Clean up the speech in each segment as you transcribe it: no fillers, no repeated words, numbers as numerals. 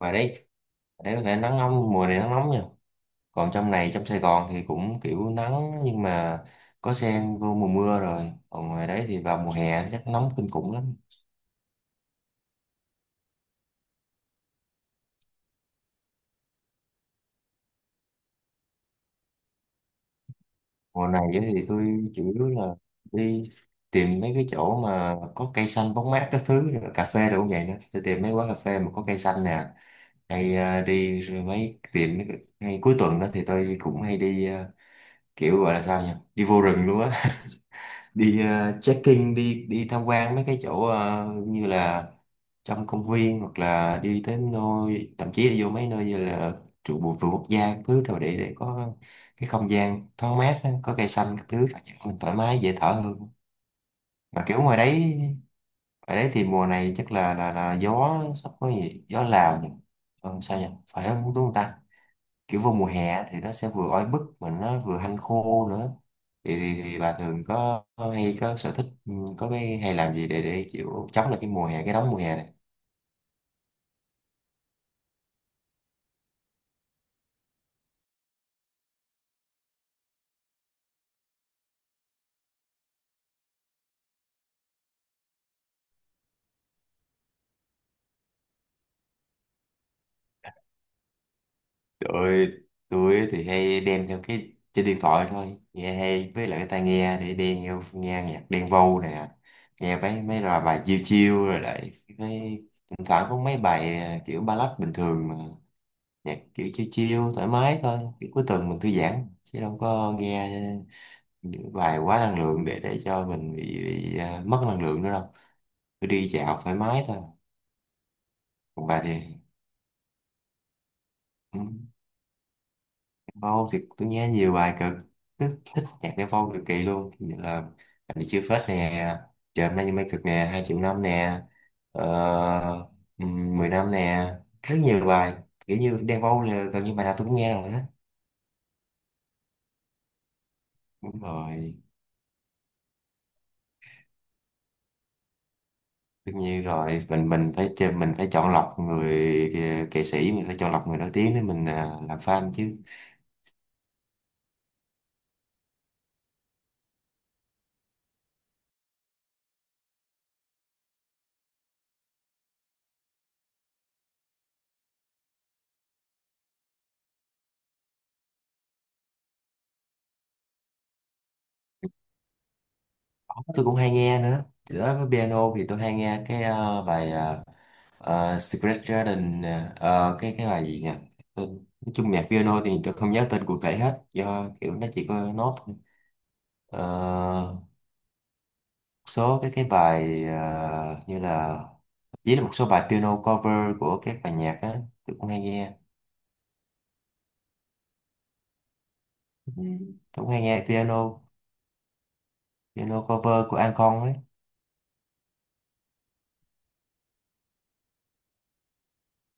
Ngoài đấy Ở đấy có thể nắng nóng, mùa này nắng nóng nha. Còn trong này, trong Sài Gòn thì cũng kiểu nắng, nhưng mà có sen vô mùa mưa rồi, còn ngoài đấy thì vào mùa hè chắc nóng kinh khủng lắm. Mùa này á thì tôi chủ yếu là đi tìm mấy cái chỗ mà có cây xanh bóng mát các thứ rồi, cà phê rồi cũng vậy nữa, tôi tìm mấy quán cà phê mà có cây xanh nè, hay đi rồi mấy tìm mấy ngay cuối tuần đó thì tôi cũng hay đi, kiểu gọi là sao nhỉ, đi vô rừng luôn á, đi trekking, đi đi tham quan mấy cái chỗ như là trong công viên, hoặc là đi tới nơi, thậm chí là vô mấy nơi như là trụ bộ vườn quốc gia các thứ rồi, để có cái không gian thoáng mát á, có cây xanh các thứ, mình thoải mái dễ thở hơn. Mà kiểu ngoài đấy thì mùa này chắc là gió, sắp có gì gió Lào nhỉ, sao nhỉ, phải không, đúng không ta, kiểu vô mùa hè á thì nó sẽ vừa oi bức mà nó vừa hanh khô nữa. Thì bà thường có hay có sở thích, có cái hay làm gì để chịu chống lại cái mùa hè, cái nóng mùa hè này? Tôi tôi thì hay đem theo cái trên điện thoại thôi, nghe hay với lại cái tai nghe, để đen nghe, nghe nhạc Đen Vâu nè, nghe mấy mấy là bài chill chill rồi lại cái, thỉnh thoảng có mấy bài kiểu ballad bình thường, mà nhạc kiểu chill chill thoải mái thôi, kiểu cuối tuần mình thư giãn chứ đâu có nghe những bài quá năng lượng để cho mình mất năng lượng nữa đâu, cứ đi dạo thoải mái thôi. Còn bà thì? ừ, Vâu thì tôi nghe nhiều bài cực thích nhạc Đen Vâu cực kỳ luôn, như là Anh Đi Chưa Phết nè, Trời Hôm Nay Như Mây Cực nè, Hai Triệu Năm nè, ờ, ừ, Mười Năm nè, rất nhiều bài, kiểu như Đen Vâu là gần như bài nào tôi cũng nghe rồi đó. Đúng rồi, tất nhiên rồi, mình phải chơi, mình phải chọn lọc người, nghệ sĩ mình phải chọn lọc người nổi tiếng để mình làm fan chứ. Đó, tôi cũng hay nghe nữa, giữa với piano thì tôi hay nghe cái bài Secret Garden nè. Ờ, cái bài gì nhỉ, Tên- nói chung nhạc piano thì tôi không nhớ tên cụ thể hết, do kiểu nó chỉ có nốt thôi. Ờ, số cái bài như là, chỉ là một số bài piano cover của các bài nhạc á, tôi cũng hay nghe. Ừ, tôi cũng hay nghe piano, cover của An Con ấy.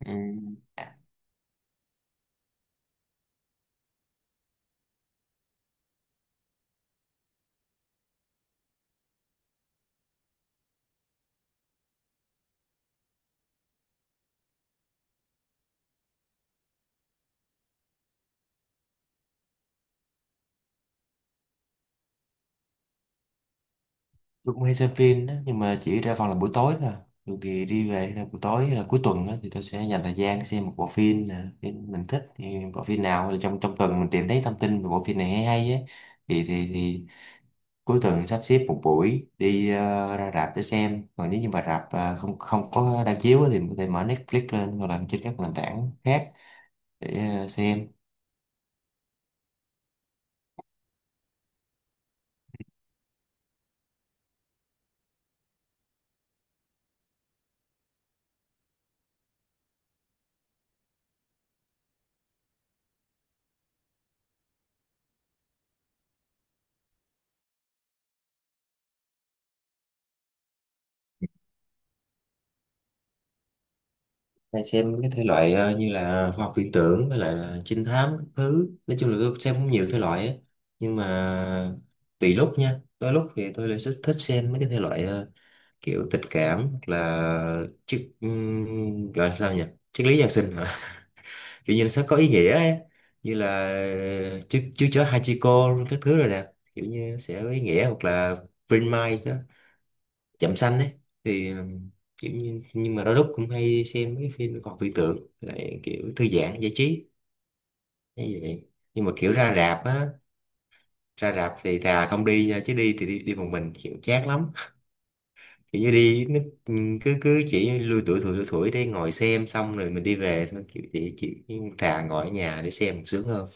Ừ. Tôi cũng hay xem phim đó, nhưng mà chỉ ra phòng là buổi tối thôi, thường thì đi về là buổi tối hay là cuối tuần đó, thì tôi sẽ dành thời gian xem một bộ phim nè, phim mình thích thì bộ phim nào là trong trong tuần mình tìm thấy thông tin về bộ phim này hay hay ấy, thì cuối tuần sắp xếp một buổi đi ra rạp để xem. Còn nếu như mà rạp không không có đang chiếu á, thì mình có thể mở Netflix lên hoặc là trên các nền tảng khác để xem. Hay xem cái thể loại như là khoa học viễn tưởng với lại là trinh thám các thứ, nói chung là tôi xem cũng nhiều thể loại á, nhưng mà tùy lúc nha, đôi lúc thì tôi lại thích thích xem mấy cái thể loại kiểu tình cảm, hoặc là triết, gọi là sao nhỉ, triết lý nhân sinh hả kiểu như nó sẽ có ý nghĩa ấy, như là chú chó Hachiko các thứ rồi nè, kiểu như nó sẽ có ý nghĩa, hoặc là Vinmai, Trạm Xanh ấy thì kiểu như, nhưng mà đôi lúc cũng hay xem mấy cái phim còn viễn tưởng lại, kiểu thư giãn giải trí như vậy. Nhưng mà kiểu ra rạp á, ra rạp thì thà không đi nha, chứ đi thì đi, đi một mình kiểu chát lắm, kiểu như đi nó cứ cứ chỉ lui tuổi thủi lui thủi để ngồi xem xong rồi mình đi về thôi, kiểu chỉ thà ngồi ở nhà để xem sướng hơn.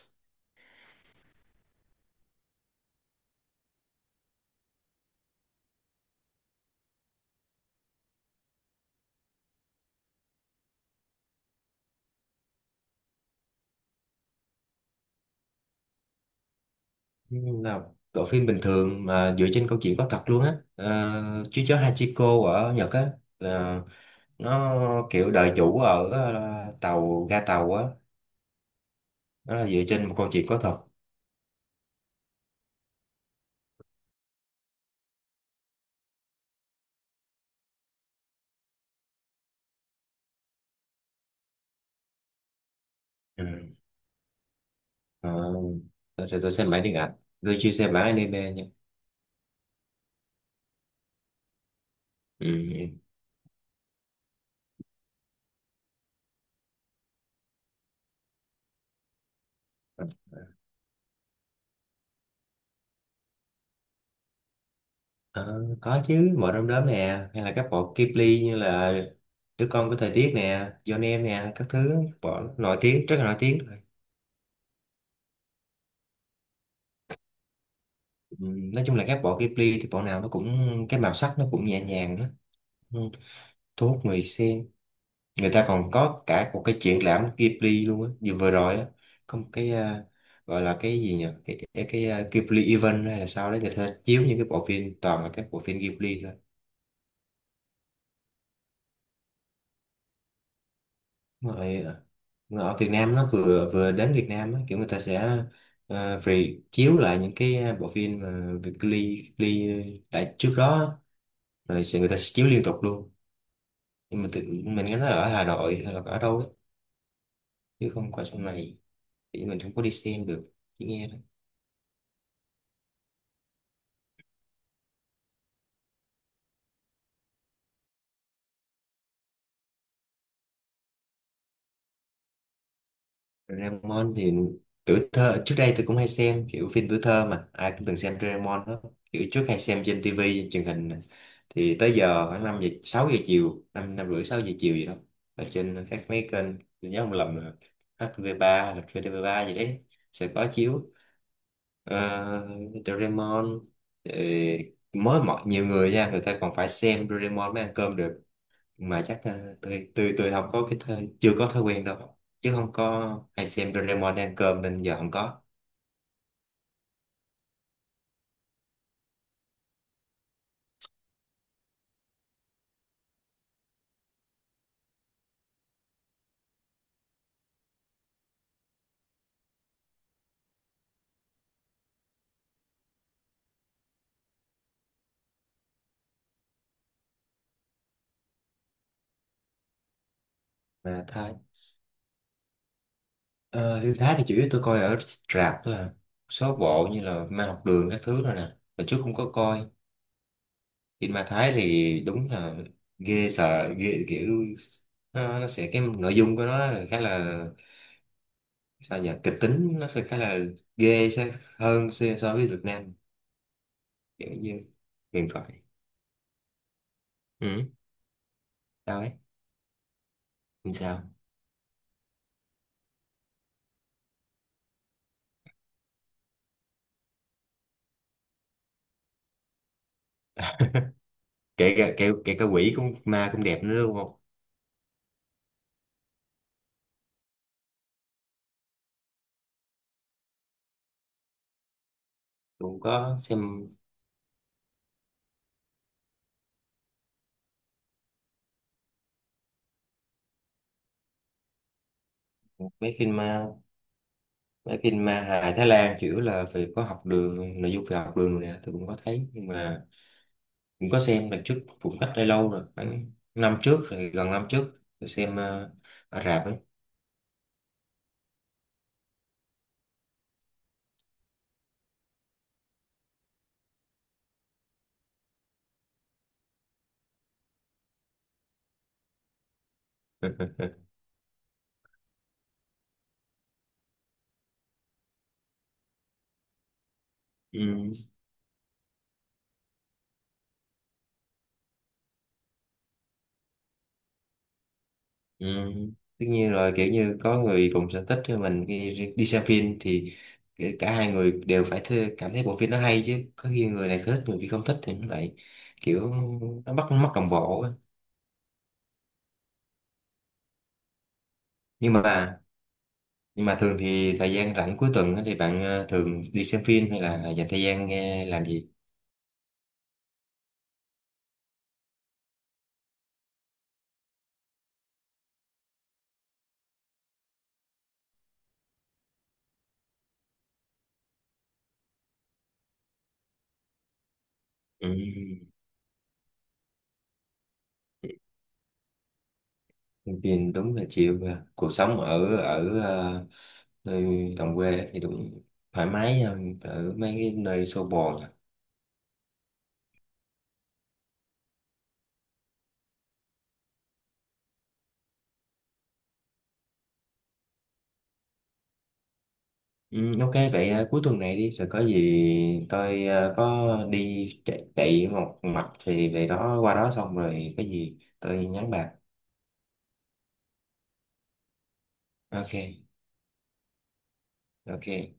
Nhưng là bộ phim bình thường mà dựa trên câu chuyện có thật luôn á, chú chó Hachiko ở Nhật á, nó kiểu đời chủ ở tàu, ga tàu á, nó là dựa trên một câu chuyện có thật. Ừ. Ờ, tôi xem bản điện ảnh, tôi chưa xem bản anime nha. Ừ. Ờ, có chứ, mọi đom Đóm nè, hay là các bộ Ghibli, như là Đứa Con Của Thời Tiết nè, Johnny Em nè, các thứ bộ nổi tiếng, rất là nổi tiếng. Ừ. Nói chung là các bộ Ghibli thì bộ nào nó cũng, cái màu sắc nó cũng nhẹ nhàng á, ừ. thu hút người xem. Người ta còn có cả một cái triển lãm Ghibli luôn á, vừa vừa rồi á, có một cái gọi là cái gì nhỉ, cái Ghibli event hay là sao đấy, người ta chiếu những cái bộ phim, toàn là các bộ phim Ghibli thôi. Mà ở mà ở Việt Nam, nó vừa vừa đến Việt Nam á, kiểu người ta sẽ à, re chiếu lại những cái bộ phim mà Việt Ghibli, Ghibli tại trước đó á, rồi sẽ, người ta sẽ chiếu liên tục luôn. Nhưng mà mình nghe nói là ở Hà Nội hay là ở đâu đó, chứ không qua trong này thì mình không có đi xem được, chỉ nghe. Doraemon thì tuổi thơ trước đây tôi cũng hay xem, kiểu phim tuổi thơ mà ai cũng từng xem Doraemon đó, kiểu trước hay xem trên tivi truyền hình nè, thì tới giờ khoảng 5 giờ 6 giờ chiều, năm 5 rưỡi 6 giờ chiều gì đó, ở trên các mấy kênh, tôi nhớ không lầm là HTV3 hoặc là VTV3 gì đấy sẽ có chiếu Ờ, Doraemon. ờ, Mới mọi nhiều người nha, người ta còn phải xem Doraemon mới ăn cơm được, mà chắc tôi không có cái thói, chưa có thói quen đâu, chứ không có hay xem Doraemon ăn cơm, nên giờ không có. Mà Thái, ờ, phim Thái thì chủ yếu tôi coi ở rạp thôi à, số bộ như là Ma Học Đường các thứ rồi nè, mà trước không có coi. Phim ma Thái thì đúng là ghê, sợ ghê, kiểu nó sẽ, cái nội dung của nó là khá là, sao nhỉ, kịch tính, nó sẽ khá là ghê sẽ hơn so so với Việt Nam, kiểu như huyền thoại. Ừ, sao ấy? Làm sao? Kể cả, kể cả quỷ cũng, ma cũng đẹp nữa đúng không, cũng có xem mấy phim ma. Mấy phim ma hài Thái Lan chủ yếu là phải có học đường, nội dung về học đường rồi nè, tôi cũng có thấy, nhưng mà cũng có xem lần trước, cũng cách đây lâu rồi, khoảng năm trước rồi, gần năm trước tôi xem ở rạp ấy. Ừ. Ừ. Tất nhiên rồi, kiểu như có người cùng sở thích với mình đi, đi xem phim thì kể cả hai người đều phải cảm thấy bộ phim nó hay, chứ có khi người này thích người kia không thích thì nó lại kiểu nó mất mất đồng bộ á. nhưng mà nhưng mà thường thì thời gian rảnh cuối tuần á thì bạn thường đi xem phim, hay là dành thời gian nghe làm gì? Ừ. Xem phim đúng là chịu, cuộc sống ở ở nơi đồng quê thì đúng thoải mái hơn ở mấy cái nơi xô bồ. Ừ, ok vậy, cuối tuần này đi rồi, có gì tôi có đi chạy, chạy một mạch thì về đó, qua đó xong rồi có gì tôi nhắn bạn. Ok. Ok.